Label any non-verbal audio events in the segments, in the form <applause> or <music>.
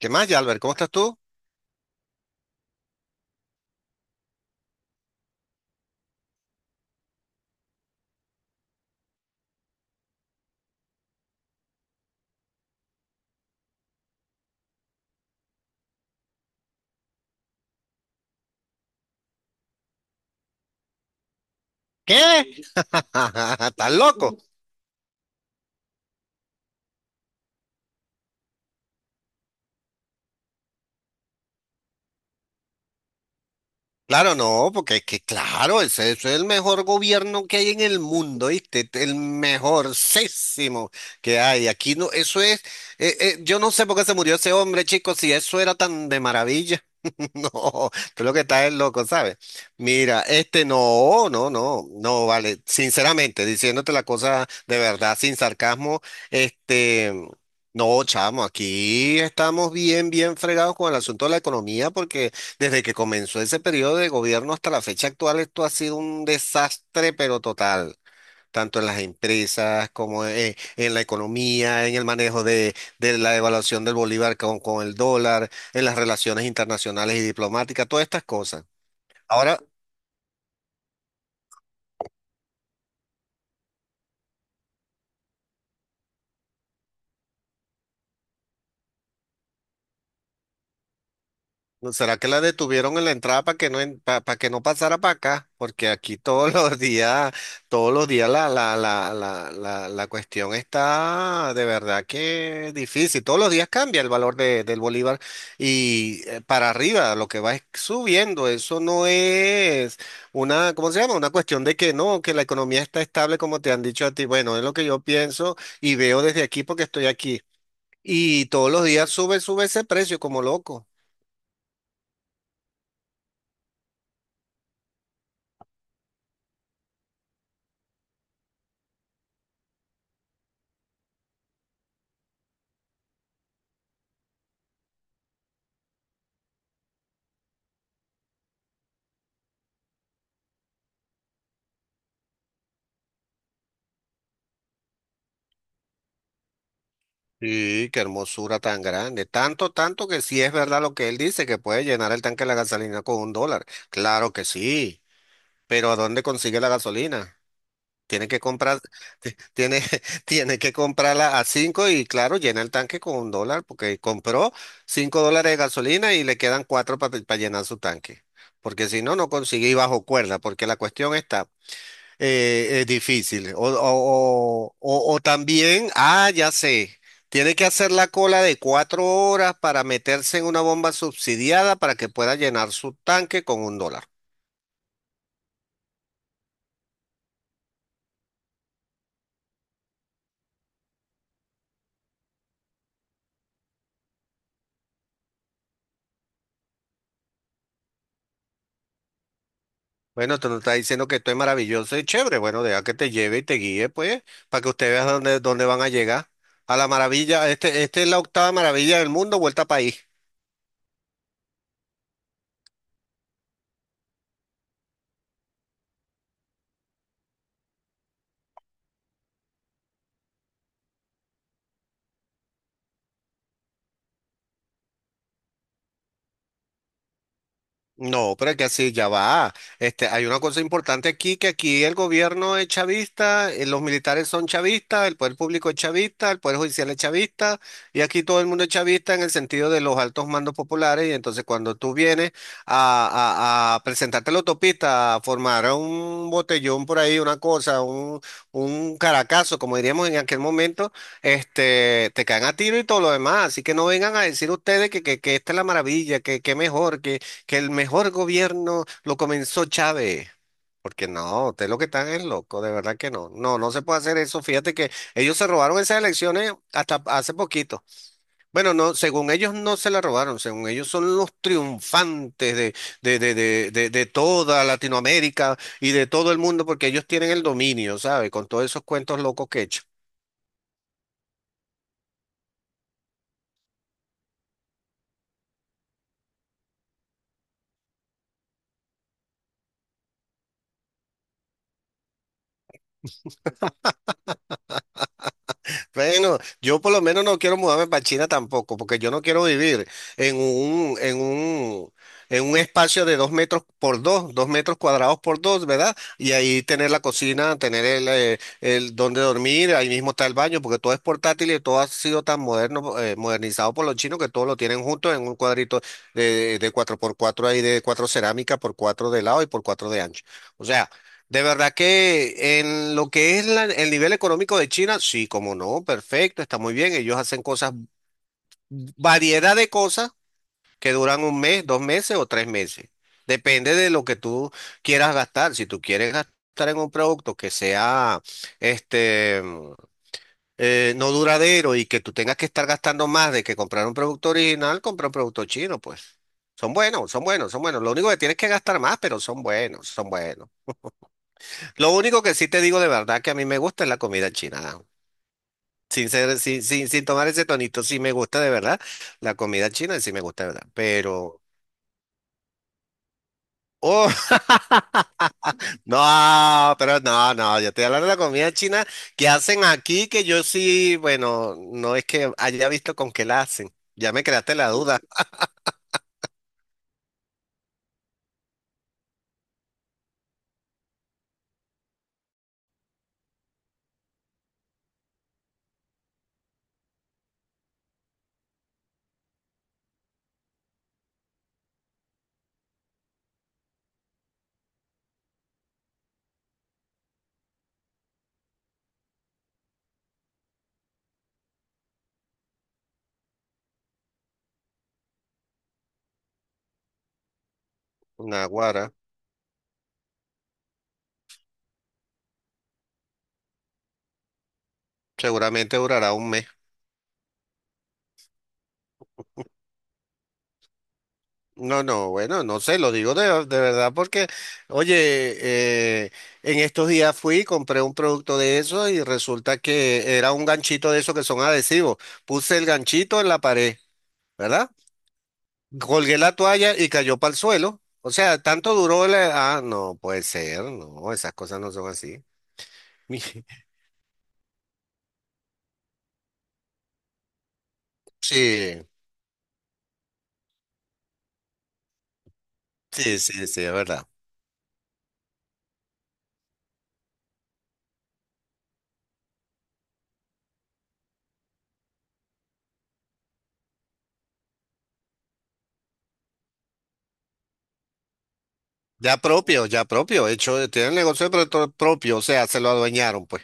¿Qué más, Albert? ¿Cómo estás tú? ¿Qué? <laughs> ¿Estás loco? Claro, no, porque es que, claro, ese es el mejor gobierno que hay en el mundo, ¿viste? El mejorcísimo que hay. Aquí no, eso es, yo no sé por qué se murió ese hombre, chicos, si eso era tan de maravilla. <laughs> No, tú lo que estás es loco, ¿sabes? Mira, este no, vale. Sinceramente, diciéndote la cosa de verdad, sin sarcasmo, este, no, chamo, aquí estamos bien, bien fregados con el asunto de la economía porque... Desde que comenzó ese periodo de gobierno hasta la fecha actual, esto ha sido un desastre, pero total, tanto en las empresas como en la economía, en el manejo de la evaluación del bolívar con el dólar, en las relaciones internacionales y diplomáticas, todas estas cosas. Ahora, ¿No ¿Será que la detuvieron en la entrada para que no pasara para acá? Porque aquí todos <laughs> los días, todos los días la cuestión está de verdad que difícil. Todos los días cambia el valor del bolívar y para arriba lo que va es subiendo. Eso no es una, ¿cómo se llama? Una cuestión de que no, que la economía está estable como te han dicho a ti. Bueno, es lo que yo pienso y veo desde aquí porque estoy aquí. Y todos los días sube, sube ese precio como loco. Sí, qué hermosura tan grande. Tanto, tanto que sí es verdad lo que él dice, que puede llenar el tanque de la gasolina con un dólar. Claro que sí. Pero ¿a dónde consigue la gasolina? Tiene que comprar, tiene, <laughs> tiene que comprarla a cinco y claro, llena el tanque con un dólar, porque compró cinco dólares de gasolina y le quedan cuatro para llenar su tanque. Porque si no, no consigue y bajo cuerda, porque la cuestión está. Es difícil. O también, ah, ya sé, tiene que hacer la cola de cuatro horas para meterse en una bomba subsidiada para que pueda llenar su tanque con un dólar. Bueno, tú no estás diciendo que esto es maravilloso y chévere. Bueno, deja que te lleve y te guíe, pues, para que usted vea dónde, dónde van a llegar. A la maravilla, este es la octava maravilla del mundo, vuelta país. No, pero es que así ya va. Este, hay una cosa importante aquí, que aquí el gobierno es chavista, los militares son chavistas, el poder público es chavista, el poder judicial es chavista, y aquí todo el mundo es chavista en el sentido de los altos mandos populares, y entonces cuando tú vienes a presentarte a la autopista, a formar un botellón por ahí, una cosa, un caracazo, como diríamos en aquel momento, te caen a tiro y todo lo demás, así que no vengan a decir ustedes que esta es la maravilla, que mejor, que el mejor gobierno lo comenzó Chávez. Porque no, usted lo que están es loco, de verdad que no. No, no se puede hacer eso. Fíjate que ellos se robaron esas elecciones hasta hace poquito. Bueno, no, según ellos no se la robaron, según ellos son los triunfantes de toda Latinoamérica y de todo el mundo, porque ellos tienen el dominio, ¿sabe? Con todos esos cuentos locos que he hecho. Bueno, yo por lo menos no quiero mudarme para China tampoco, porque yo no quiero vivir en un, en un, en un espacio de dos metros por dos, dos metros cuadrados por dos, ¿verdad? Y ahí tener la cocina, tener el donde dormir, ahí mismo está el baño, porque todo es portátil y todo ha sido tan moderno, modernizado por los chinos que todo lo tienen junto en un cuadrito de cuatro por cuatro ahí de cuatro cerámica por cuatro de lado y por cuatro de ancho. O sea, de verdad que en lo que es el nivel económico de China, sí, como no, perfecto, está muy bien. Ellos hacen cosas, variedad de cosas que duran un mes, dos meses o tres meses. Depende de lo que tú quieras gastar. Si tú quieres gastar en un producto que sea este mm, no duradero y que tú tengas que estar gastando más de que comprar un producto original, compra un producto chino, pues. Son buenos, son buenos, son buenos. Lo único que tienes que gastar más, pero son buenos, son buenos. Lo único que sí te digo de verdad que a mí me gusta es la comida china. ¿No? Sin sin tomar ese tonito, sí me gusta de verdad. La comida china sí me gusta de verdad. Pero, oh, <laughs> no, pero no, no, yo estoy hablando de la comida china que hacen aquí, que yo sí, bueno, no es que haya visto con qué la hacen. Ya me creaste la duda. Naguará, seguramente durará un mes. No, no, bueno, no sé, lo digo de verdad porque, oye, eh, en estos días fui, y compré un producto de eso y resulta que era un ganchito de esos que son adhesivos. Puse el ganchito en la pared, ¿verdad? Colgué la toalla y cayó para el suelo. O sea, tanto duró la... Ah, no, puede ser, no, esas cosas no son así. <laughs> Sí, sí, sí, sí, es verdad. Ya propio, hecho, tiene el negocio propio, o sea, se lo adueñaron, pues.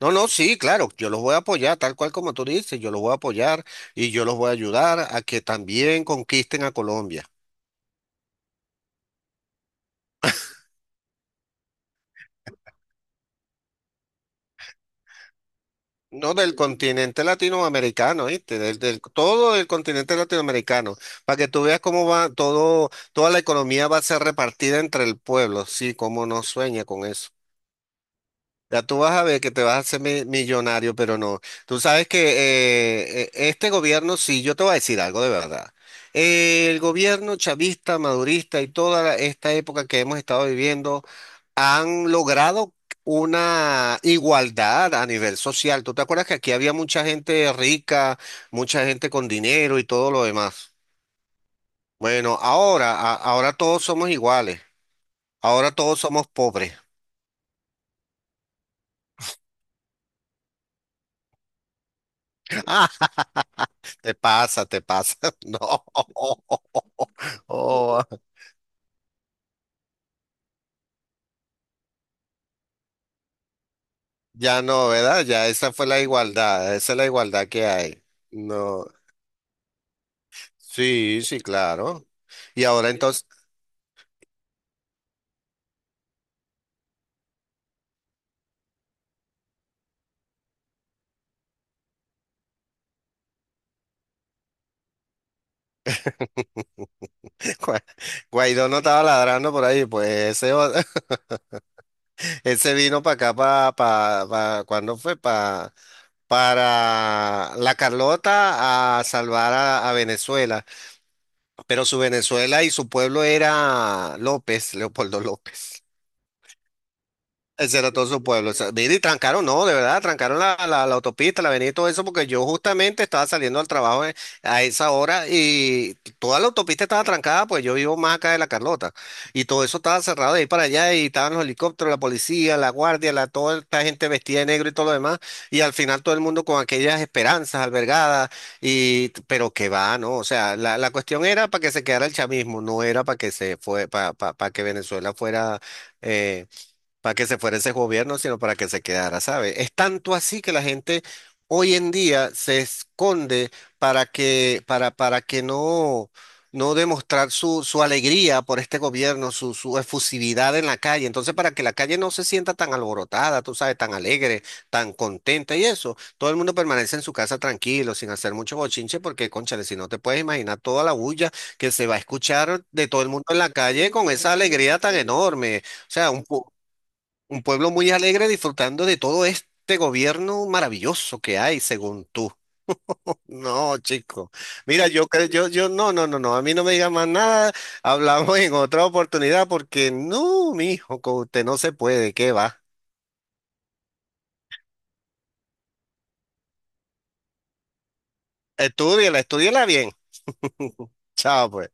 No, no, sí, claro, yo los voy a apoyar, tal cual como tú dices, yo los voy a apoyar y yo los voy a ayudar a que también conquisten a Colombia. No del continente latinoamericano, ¿viste? Todo el continente latinoamericano, para que tú veas cómo va todo, toda la economía va a ser repartida entre el pueblo, sí, cómo no sueña con eso. Ya tú vas a ver que te vas a hacer millonario, pero no. Tú sabes que este gobierno, sí, yo te voy a decir algo de verdad. El gobierno chavista, madurista y toda esta época que hemos estado viviendo han logrado una igualdad a nivel social. ¿Tú te acuerdas que aquí había mucha gente rica, mucha gente con dinero y todo lo demás? Bueno, ahora, ahora todos somos iguales. Ahora todos somos pobres. <laughs> Te pasa, te pasa. <laughs> No. Oh, ya no, ¿verdad? Ya esa fue la igualdad, esa es la igualdad que hay. No. Sí, sí, claro. Y ahora entonces, <laughs> Gua- Guaidó no estaba ladrando por ahí, pues ese, o- <laughs> ese vino para acá, para, ¿cuándo fue? Para la Carlota a salvar a Venezuela. Pero su Venezuela y su pueblo era López, Leopoldo López. Ese era todo su pueblo. O sea, mira, y trancaron, no, de verdad, trancaron la autopista, la avenida y todo eso, porque yo justamente estaba saliendo al trabajo a esa hora y toda la autopista estaba trancada, pues yo vivo más acá de La Carlota. Y todo eso estaba cerrado de ahí para allá y estaban los helicópteros, la policía, la guardia, la, toda esta gente vestida de negro y todo lo demás. Y al final todo el mundo con aquellas esperanzas albergadas, y, pero que va, ¿no? O sea, la cuestión era para que se quedara el chavismo, no era para que se fue, para que Venezuela fuera. eh, para que se fuera ese gobierno, sino para que se quedara, ¿sabe? Es tanto así que la gente hoy en día se esconde para que no, no demostrar su, su alegría por este gobierno, su efusividad en la calle. Entonces, para que la calle no se sienta tan alborotada, tú sabes, tan alegre, tan contenta y eso, todo el mundo permanece en su casa tranquilo, sin hacer mucho bochinche, porque, cónchale, si no te puedes imaginar toda la bulla que se va a escuchar de todo el mundo en la calle con esa alegría tan enorme. O sea, un, pu- un pueblo muy alegre disfrutando de todo este gobierno maravilloso que hay, según tú. No, chico. Mira, yo creo, no, no, no, no, a mí no me diga más nada. Hablamos en otra oportunidad porque no, mi hijo, con usted no se puede, ¿qué va? Estúdiala, estúdiala bien. Chao, pues.